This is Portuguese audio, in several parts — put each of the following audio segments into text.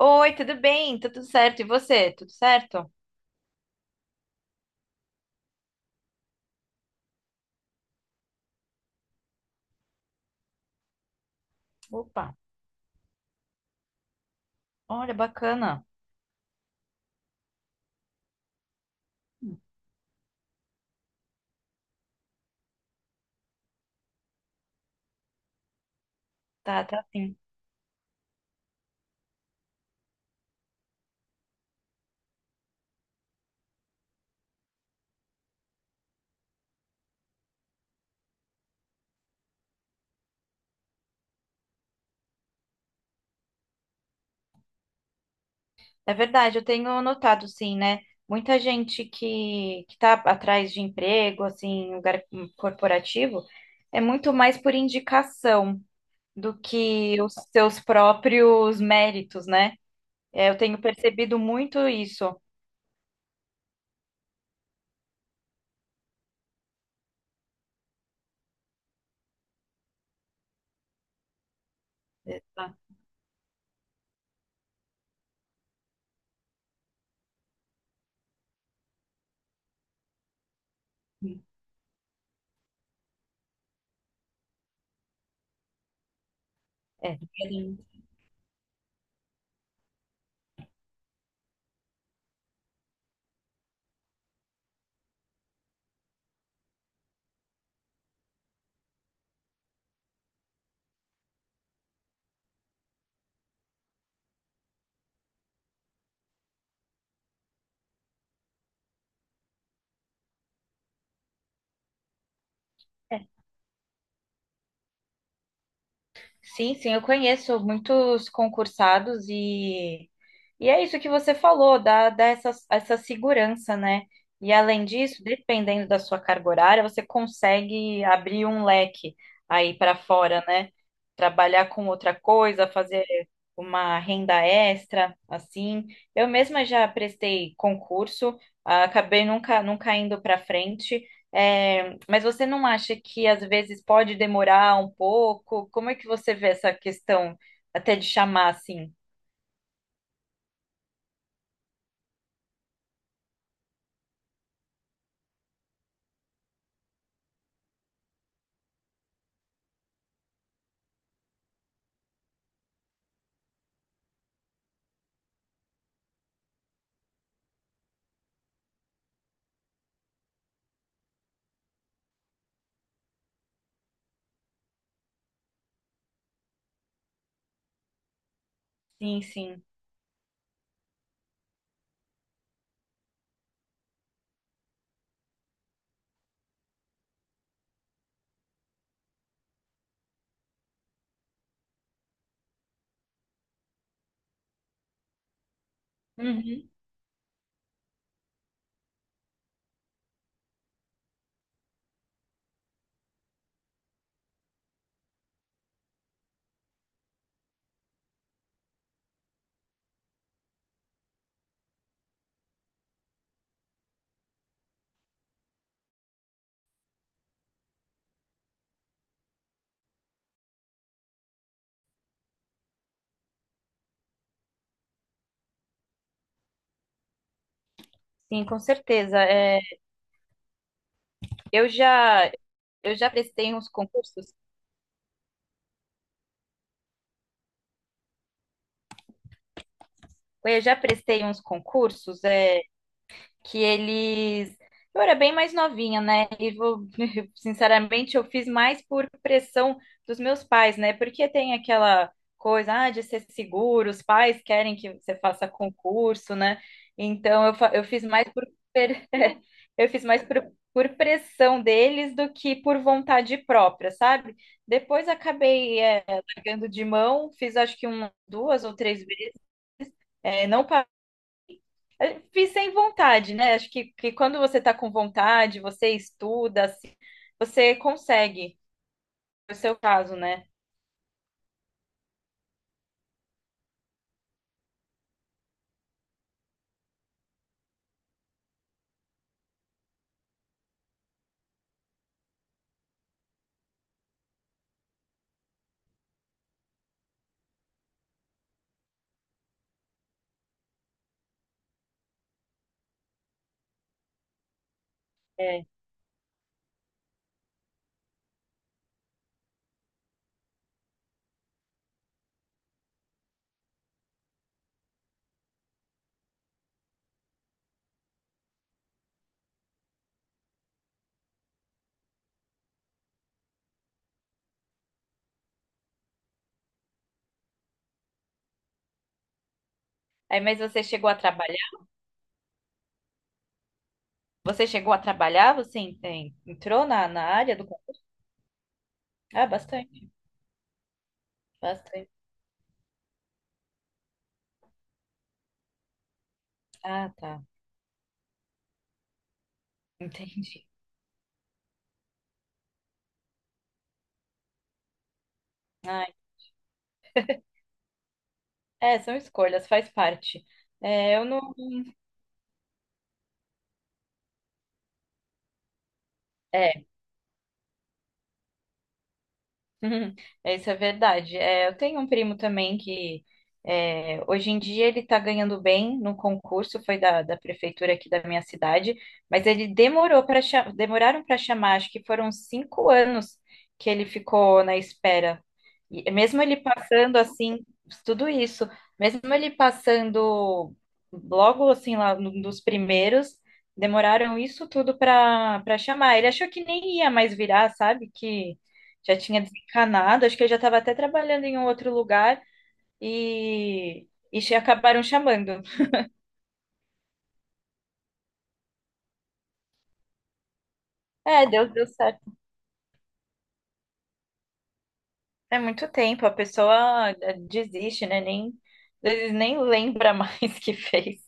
Oi, tudo bem? Tá tudo certo? E você? Tudo certo? Opa, olha, bacana. Tá, tá sim. É verdade, eu tenho notado, sim, né? Muita gente que tá atrás de emprego, assim, em lugar corporativo, é muito mais por indicação do que os seus próprios méritos, né? É, eu tenho percebido muito isso. Ah, sim. É. Sim, sim, eu conheço muitos concursados e é isso que você falou, dá essa segurança, né? E além disso, dependendo da sua carga horária, você consegue abrir um leque aí para fora, né? Trabalhar com outra coisa, fazer uma renda extra, assim. Eu mesma já prestei concurso, ah, acabei nunca, nunca indo para frente. É, mas você não acha que às vezes pode demorar um pouco? Como é que você vê essa questão até de chamar assim? Sim, sim. Uhum. Sim, com certeza. É, eu já eu já prestei uns concursos. Eu já prestei uns concursos. É, que eles. Eu era bem mais novinha, né? E vou, sinceramente, eu fiz mais por pressão dos meus pais, né? Porque tem aquela coisa, ah, de ser seguro, os pais querem que você faça concurso, né? Então eu, eu fiz mais por per- eu fiz mais por pressão deles do que por vontade própria, sabe? Depois acabei largando de mão, fiz acho que um, duas ou três vezes, é, não eu fiz sem vontade, né? Acho que quando você tá com vontade, você estuda, assim, você consegue. No seu caso, né? É. Aí, mas você chegou a trabalhar? Você chegou a trabalhar? Você entrou na área do. Ah, bastante, bastante. Ah, tá. Entendi. Ai, é, são escolhas, faz parte. É, eu não. é, Uhum. Isso é verdade. É, eu tenho um primo também que é, hoje em dia ele está ganhando bem no concurso, foi da prefeitura aqui da minha cidade, mas ele demorou para demoraram para chamar, acho que foram cinco anos que ele ficou na espera. E mesmo ele passando assim, tudo isso, mesmo ele passando logo assim lá num dos primeiros, demoraram isso tudo para chamar. Ele achou que nem ia mais virar, sabe? Que já tinha desencanado, acho que eu já estava até trabalhando em um outro lugar e, acabaram chamando. É, deu, deu certo. É muito tempo, a pessoa desiste, né? Nem, às vezes nem lembra mais que fez.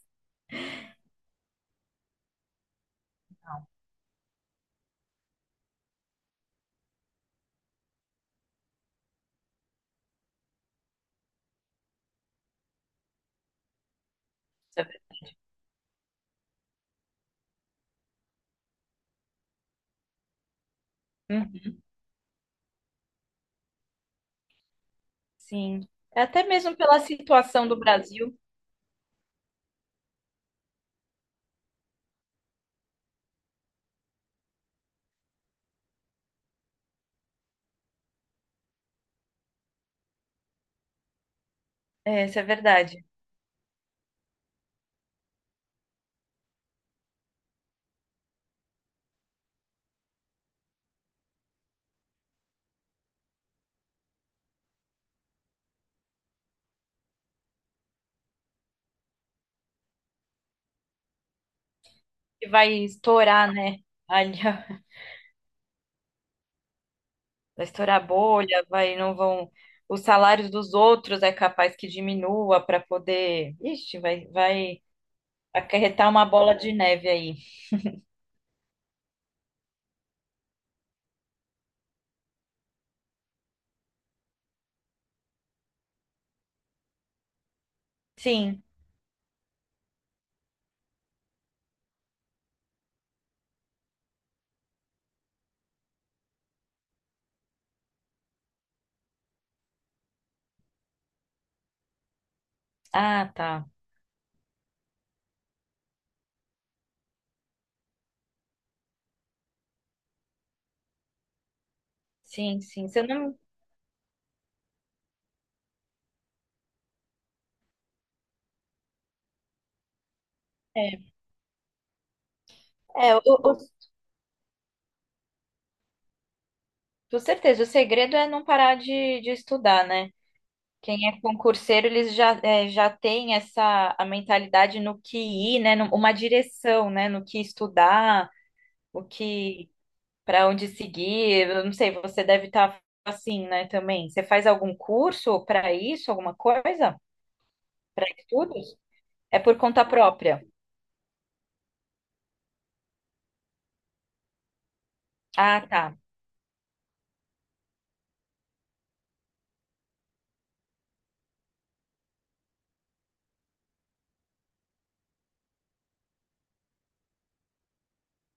Sabe? Uhum. Sim. É. Até mesmo pela situação do Brasil, é, isso é verdade. Que vai estourar, né? Ali, ó, vai estourar a bolha, vai, não vão. Os salários dos outros é capaz que diminua para poder. Ixi, vai, vai acarretar uma bola de neve aí. Sim. Ah, tá. Sim, sim. Você não. É, é o, o- com certeza. O segredo é não parar de estudar, né? Quem é concurseiro, eles já, é, já tem essa a mentalidade no que ir, né? Uma direção, né? No que estudar, o que para onde seguir. Eu não sei, você deve estar assim, né? Também. Você faz algum curso para isso, alguma coisa? Para estudos? É por conta própria. Ah, tá.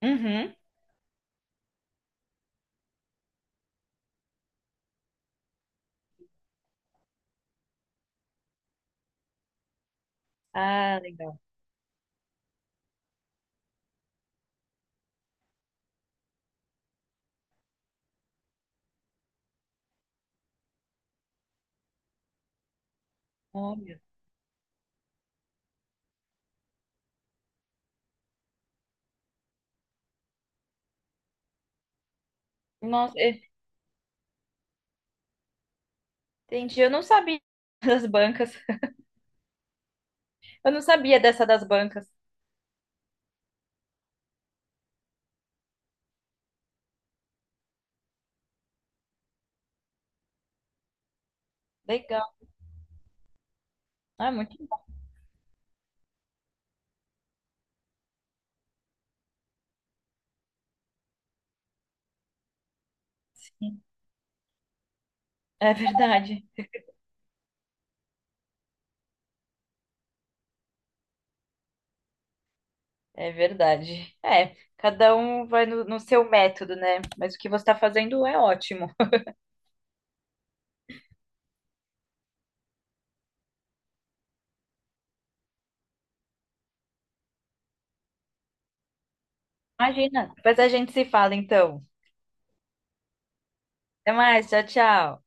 Uhum. Ah, legal. Olha. Nossa, entendi. Eu não sabia das bancas. Eu não sabia dessa das bancas. Legal. Ah, muito bom. É verdade. É verdade. É, cada um vai no seu método, né? Mas o que você está fazendo é ótimo. Imagina. Depois a gente se fala, então. Até mais. Tchau, tchau.